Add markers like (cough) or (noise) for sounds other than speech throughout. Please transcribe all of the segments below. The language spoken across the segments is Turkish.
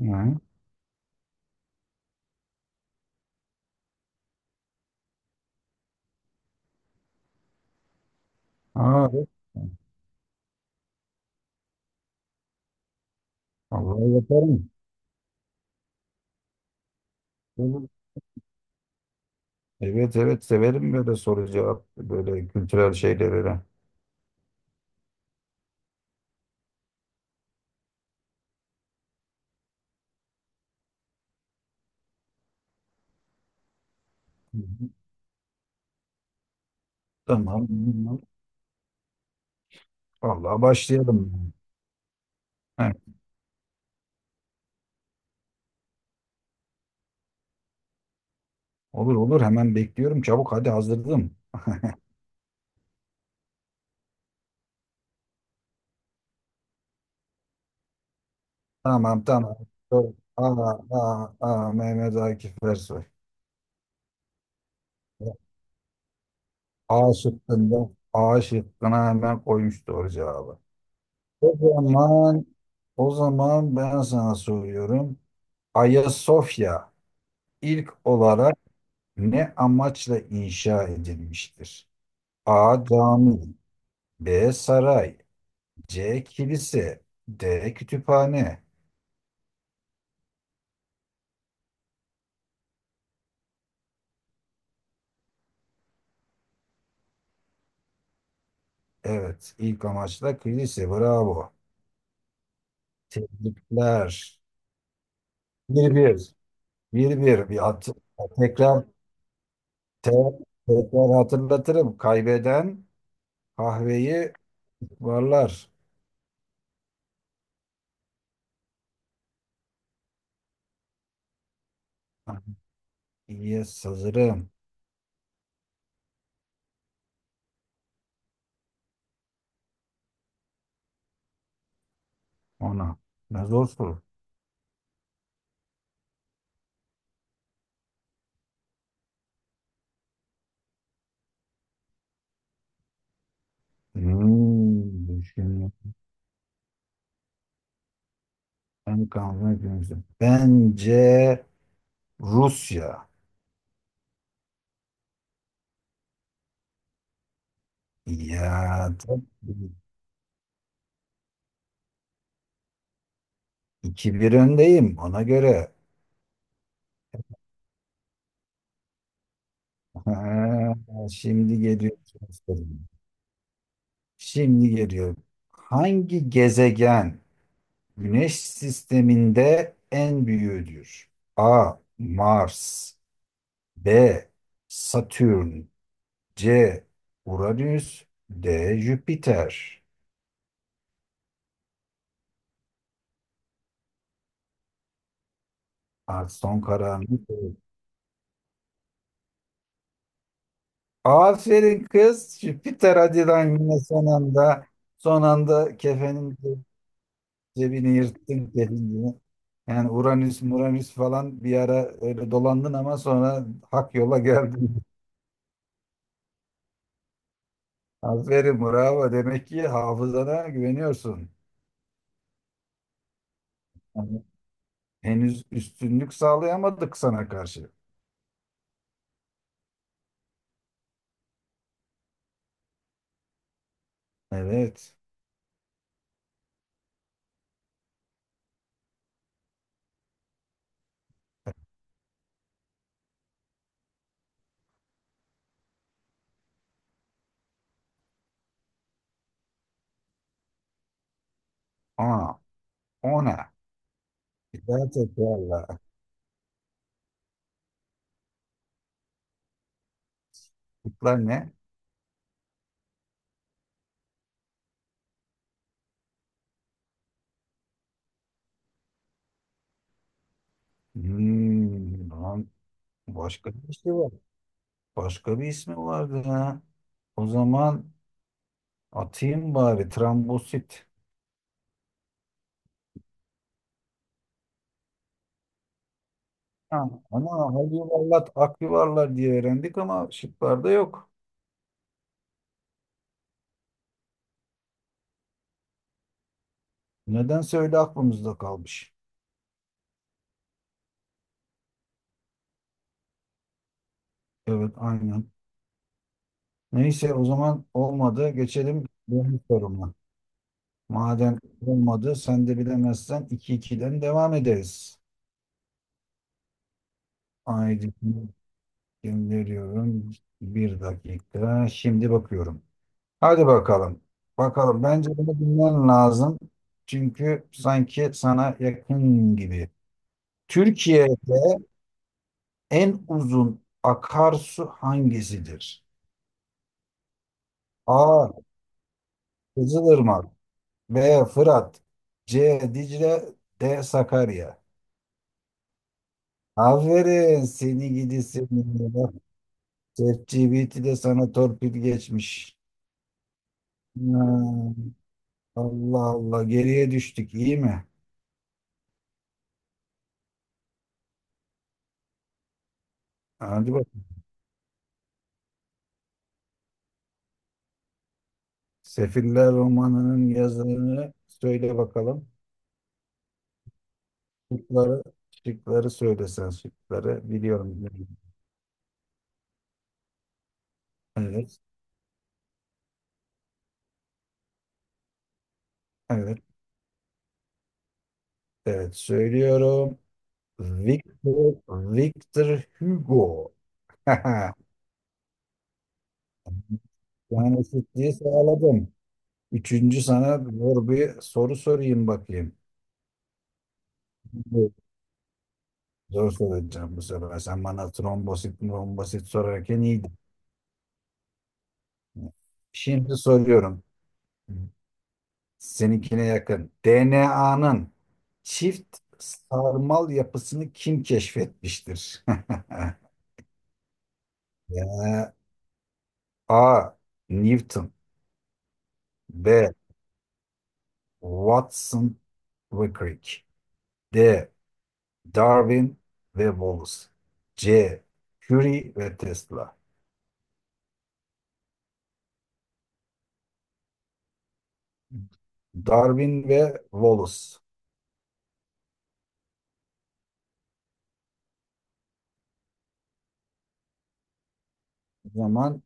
Hı. Aa, evet. Vallahi yaparım. Olur. Evet evet severim böyle soru cevap böyle kültürel şeyleri. Hı hı. Tamam. Vallahi başlayalım. Heh, olur olur hemen bekliyorum. Çabuk hadi hazırladım. Tamam tamam. Dur. Aa, aa, aa, Mehmet Akif Ersoy. A şıkkında A şıkkına hemen koymuş doğru cevabı. O zaman o zaman ben sana soruyorum. Ayasofya ilk olarak ne amaçla inşa edilmiştir? A. Cami. B. Saray. C. Kilise. D. Kütüphane. Evet, ilk amaçla kilise. Bravo. Tebrikler. Bir bir. Bir bir. Bir hat tekrar te tekrar hatırlatırım. Kaybeden kahveyi varlar. İyi hazırım ona. Ne zor soru. Hmm, düşünüyorum. Ben kalmak üzere. Bence Rusya. Ya tabii. 2-1 öndeyim ona göre. Ha, şimdi geliyor. Şimdi geliyor. Hangi gezegen Güneş sisteminde en büyüğüdür? A. Mars. B. Satürn. C. Uranüs. D. Jüpiter. Artık son kararını ver. Aferin kız. Jüpiter Adidan yine son anda kefenin cebini yırttın kendini. Yani Uranüs, Muranüs falan bir ara öyle dolandın ama sonra hak yola geldin. (laughs) Aferin bravo. Demek ki hafızana güveniyorsun. Yani henüz üstünlük sağlayamadık sana karşı. Evet. Aa, ona. Bir daha tekrarla. Aklıklar ne? Hmm, lan başka bir şey var. Başka bir ismi vardı ha. O zaman atayım bari trambosit. Tamam. Ama hal yuvarlat, ak yuvarlar diye öğrendik ama şıklarda yok. Nedense öyle aklımızda kalmış. Evet aynen. Neyse o zaman olmadı. Geçelim benim soruma. Madem olmadı sen de bilemezsen 2-2'den devam ederiz. Haydi gönderiyorum. Bir dakika. Şimdi bakıyorum. Hadi bakalım. Bakalım. Bence bunu bilmen lazım. Çünkü sanki sana yakın gibi. Türkiye'de en uzun akarsu hangisidir? A. Kızılırmak. B. Fırat. C. Dicle. D. Sakarya. Aferin seni gidi seni. Bak, ChatGPT de sana torpil geçmiş. Hmm, Allah Allah geriye düştük iyi mi? Hadi bakalım. Sefiller romanının yazarını söyle bakalım. Şıkları, şıkları, söylesen şıkları biliyorum. Evet, evet, evet söylüyorum. Victor, Victor Hugo. (laughs) Yani eşitliği sağladım. Üçüncü sana zor bir soru sorayım bakayım. Evet. Zor soracağım bu sefer. Sen bana trombosit, trombosit sorarken iyiydin. Şimdi soruyorum. Seninkine yakın. DNA'nın çift sarmal yapısını kim keşfetmiştir? (laughs) Ya, A. Newton. B. Watson ve Crick. D. Darwin ve Wallace. C. Curie ve Tesla. Darwin ve Wallace. O zaman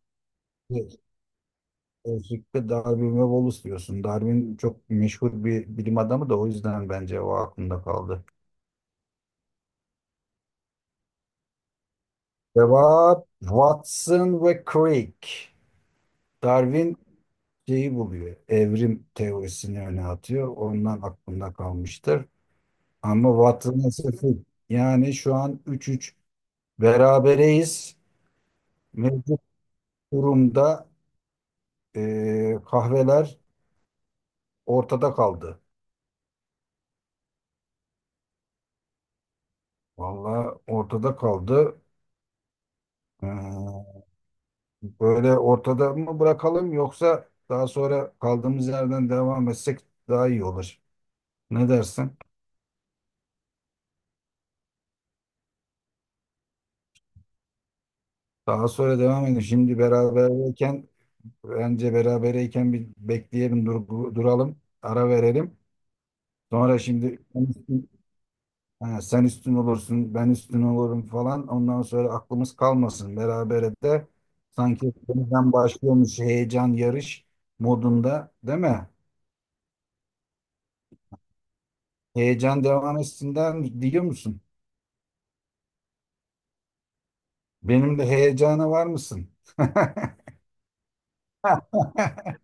özellikle Darwin ve Wallace diyorsun. Darwin çok meşhur bir bilim adamı da o yüzden bence o aklımda kaldı. Cevap Watson ve Crick. Darwin şeyi buluyor. Evrim teorisini öne atıyor. Ondan aklımda kalmıştır. Ama Watson'a sıfır. Yani şu an 3-3 berabereyiz. Mevcut durumda kahveler ortada kaldı. Vallahi ortada kaldı. Ee, Böyle ortada mı bırakalım yoksa daha sonra kaldığımız yerden devam etsek daha iyi olur. Ne dersin? Daha sonra devam edelim. Şimdi beraberken bence berabereyken bir bekleyelim, duralım, ara verelim. Sonra şimdi sen üstün, ha, sen üstün olursun, ben üstün olurum falan. Ondan sonra aklımız kalmasın. Berabere de sanki yeniden başlıyormuş heyecan yarış modunda, değil mi? Heyecan devam etsinler mi- Diyor musun? Benim de heyecana var mısın? (laughs)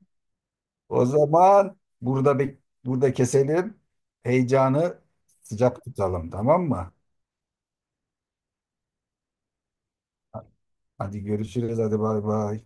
O zaman burada keselim. Heyecanı sıcak tutalım, tamam mı? Hadi görüşürüz, hadi bay bay.